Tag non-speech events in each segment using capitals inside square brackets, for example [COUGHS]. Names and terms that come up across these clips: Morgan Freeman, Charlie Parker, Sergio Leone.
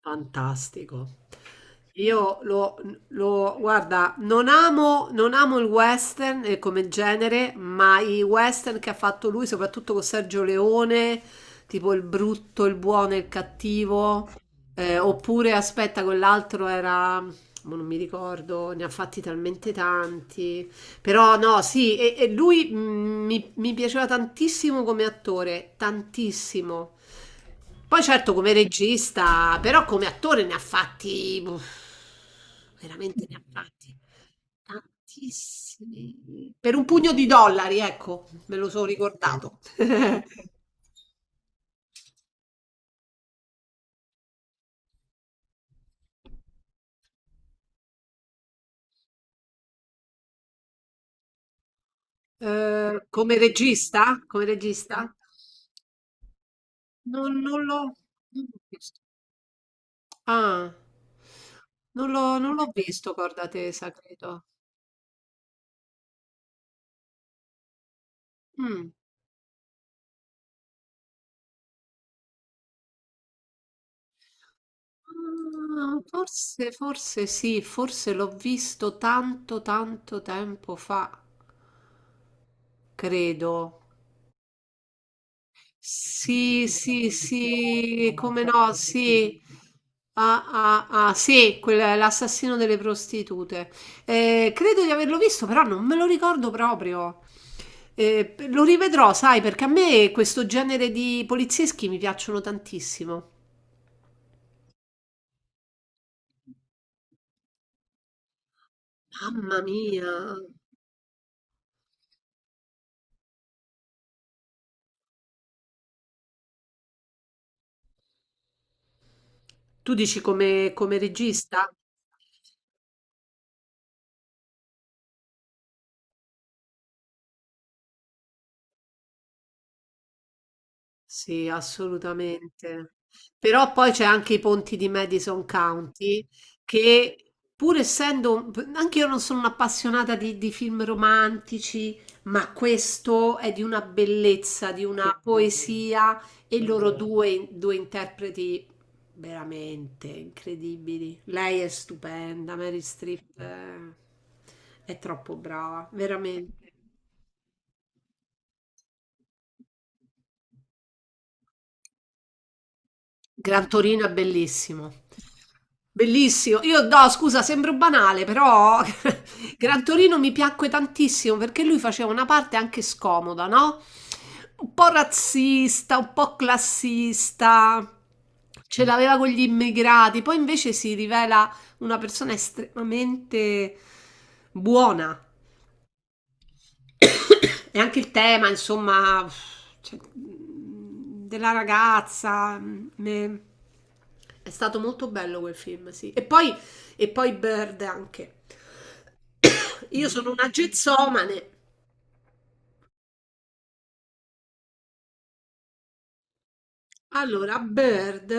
Fantastico. Io lo, guarda, non amo il western come genere, ma i western che ha fatto lui, soprattutto con Sergio Leone, tipo Il brutto, il buono e il cattivo, oppure aspetta, quell'altro era, mo non mi ricordo, ne ha fatti talmente tanti. Però no, sì, e lui, mi piaceva tantissimo come attore, tantissimo. Poi certo come regista, però come attore ne ha fatti, uff, veramente ne ha fatti tantissimi. Per un pugno di dollari, ecco, me lo sono ricordato. [LAUGHS] Come regista? Come regista? Non, non l'ho non l'ho visto. Ah, non l'ho visto, corda tesa, credo. Mm. Ah, forse sì, forse l'ho visto tanto, tanto tempo fa, credo. Sì, sì, sì, come no, sì. Ah, ah, ah, sì, l'assassino delle prostitute. Credo di averlo visto, però non me lo ricordo proprio. Lo rivedrò, sai, perché a me questo genere di polizieschi mi piacciono tantissimo. Mamma mia. Tu dici, come regista? Sì, assolutamente. Però poi c'è anche I ponti di Madison County che, pur essendo, anche io non sono un'appassionata di, film romantici, ma questo è di una bellezza, di una poesia, e loro due interpreti veramente incredibili. Lei è stupenda, Mary Streep è troppo brava, veramente. Gran Torino è bellissimo. Bellissimo. Io, no, scusa, sembro banale, però [LAUGHS] Gran Torino mi piacque tantissimo perché lui faceva una parte anche scomoda, no? Un po' razzista, un po' classista. Ce l'aveva con gli immigrati, poi invece si rivela una persona estremamente buona, e anche il tema, insomma, cioè, della ragazza, è stato molto bello quel film, sì. e poi Bird anche. [COUGHS] Io sono una gezzomane. Allora, Bird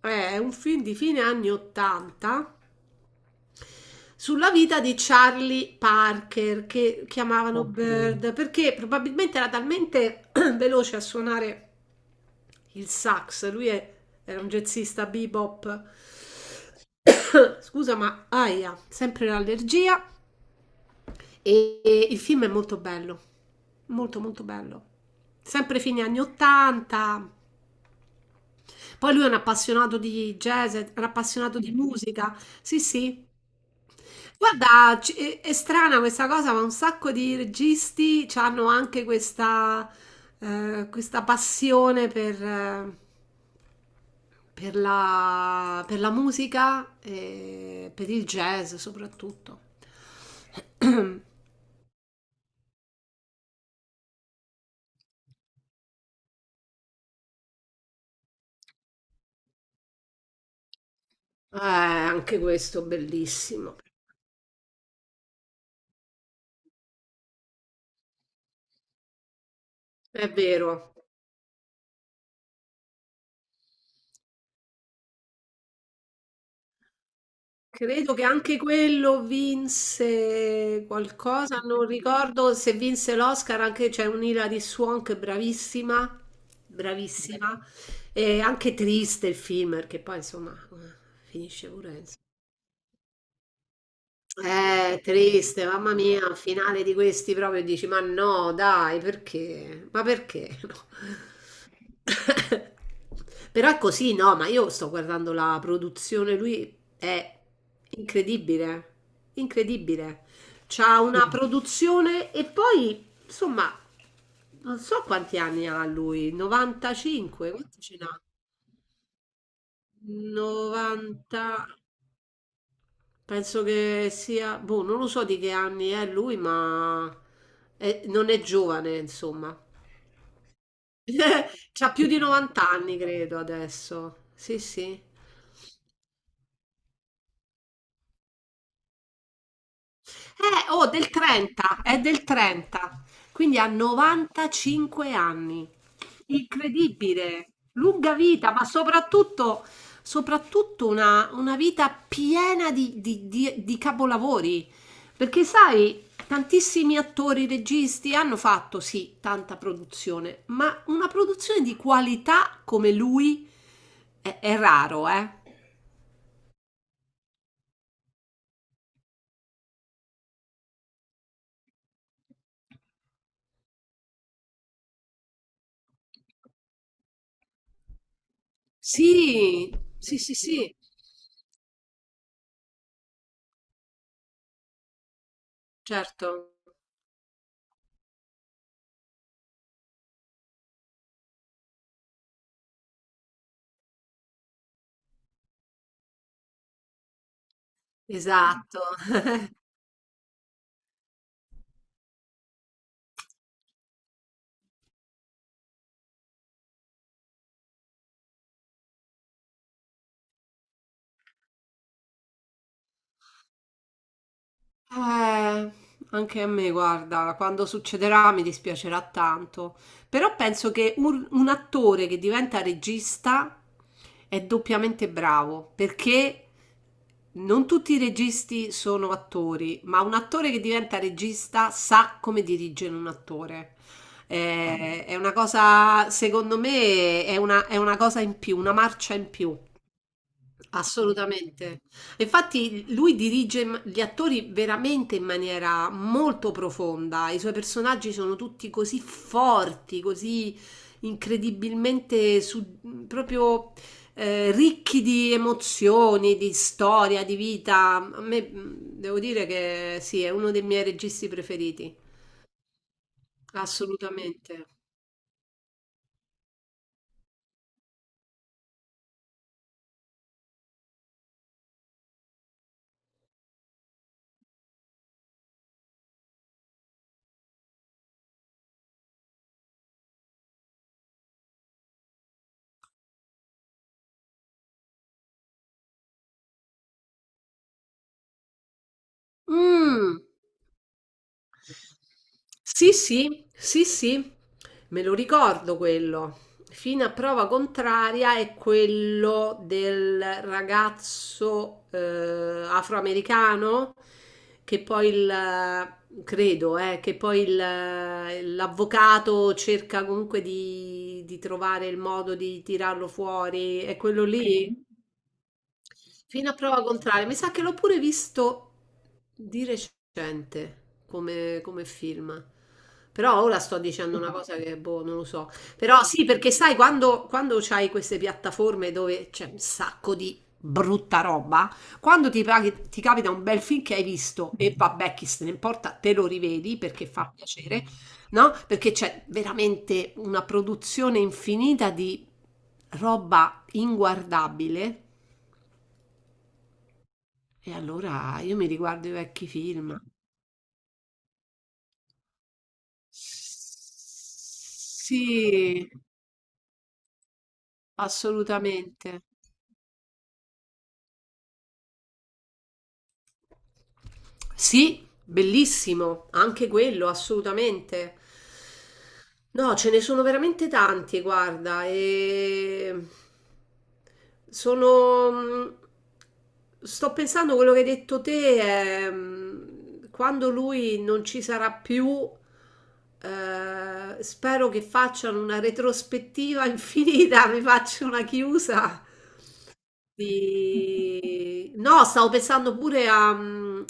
è un film di fine anni 80 sulla vita di Charlie Parker, che chiamavano, ok, Bird, perché probabilmente era talmente [CLEARS THROAT] veloce a suonare il sax, era un jazzista bebop. [CLEARS THROAT] [COUGHS] Scusa, ma aia, sempre l'allergia. E il film è molto bello, molto molto bello. Sempre fine anni 80. Poi lui è un appassionato di jazz, è un appassionato di musica. Sì, sì. Guarda, è strana questa cosa, ma un sacco di registi hanno anche questa, passione per, per la musica e per il jazz soprattutto. [CLEARS THROAT] Anche questo bellissimo, è vero. Credo che anche quello vinse qualcosa, non ricordo se vinse l'Oscar, anche c'è un'Hilary Swank che è bravissima, bravissima, e anche triste il film, perché poi, insomma, finisce pure, triste, mamma mia, finale di questi proprio dici, ma no, dai, perché? Ma perché? [LAUGHS] No. Però è così, no, ma io sto guardando la produzione, lui è incredibile, incredibile. C'ha una produzione e poi, insomma, non so quanti anni ha lui, 95, quanti ce n'ha? 90. Penso che sia, boh, non lo so di che anni è lui, ma non è giovane, insomma. [LAUGHS] C'ha più di 90 anni, credo, adesso. Sì, sì. Oh, del 30, è del 30, quindi ha 95 anni. Incredibile, lunga vita, ma soprattutto una vita piena di capolavori. Perché sai, tantissimi attori, registi hanno fatto sì tanta produzione, ma una produzione di qualità come lui è raro, eh? Sì, sì, sì, sì, certo, esatto. Eh, anche a me, guarda, quando succederà mi dispiacerà tanto, però penso che un attore che diventa regista è doppiamente bravo, perché non tutti i registi sono attori, ma un attore che diventa regista sa come dirigere un attore. È una cosa, secondo me, è una cosa in più, una marcia in più. Assolutamente. Infatti lui dirige gli attori veramente in maniera molto profonda. I suoi personaggi sono tutti così forti, così incredibilmente proprio, ricchi di emozioni, di storia, di vita. A me, devo dire che sì, è uno dei miei registi preferiti. Assolutamente. Mm. Sì, sì, sì, sì, me lo ricordo quello. Fino a prova contraria è quello del ragazzo, afroamericano, che poi il, credo, l'avvocato cerca comunque di, trovare il modo di tirarlo fuori. È quello, ok, lì? Fino a prova contraria, mi sa che l'ho pure visto di recente come, film. Però ora sto dicendo una cosa che, boh, non lo so. Però sì, perché sai, quando c'hai queste piattaforme dove c'è un sacco di brutta roba, quando ti capita un bel film che hai visto e, vabbè, chi se ne importa, te lo rivedi perché fa piacere, no? Perché c'è veramente una produzione infinita di roba inguardabile, e allora io mi riguardo i vecchi film. Sì, assolutamente. Sì, bellissimo, anche quello, assolutamente. No, ce ne sono veramente tanti, guarda, sono... mh, sto pensando quello che hai detto te, quando lui non ci sarà più, spero che facciano una retrospettiva [LAUGHS] infinita, mi faccio una chiusa no, stavo pensando pure a mm,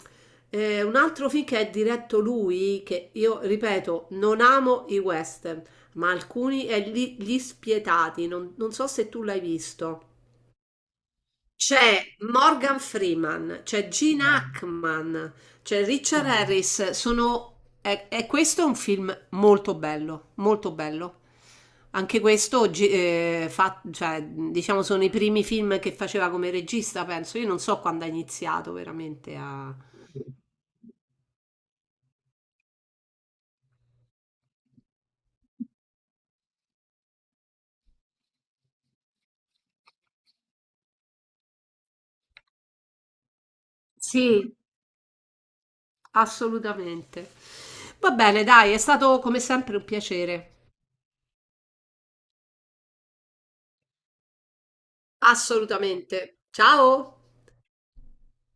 eh, un altro film che è diretto lui, che io ripeto, non amo i western, ma alcuni, è Gli Spietati, non so se tu l'hai visto. C'è Morgan Freeman, c'è Gene, Hackman, c'è Richard, Harris. Sono... E questo è un film molto bello, molto bello. Anche questo, oggi, cioè, diciamo, sono i primi film che faceva come regista, penso. Io non so quando ha iniziato veramente a... Sì, assolutamente. Va bene, dai, è stato come sempre un piacere. Assolutamente. Ciao!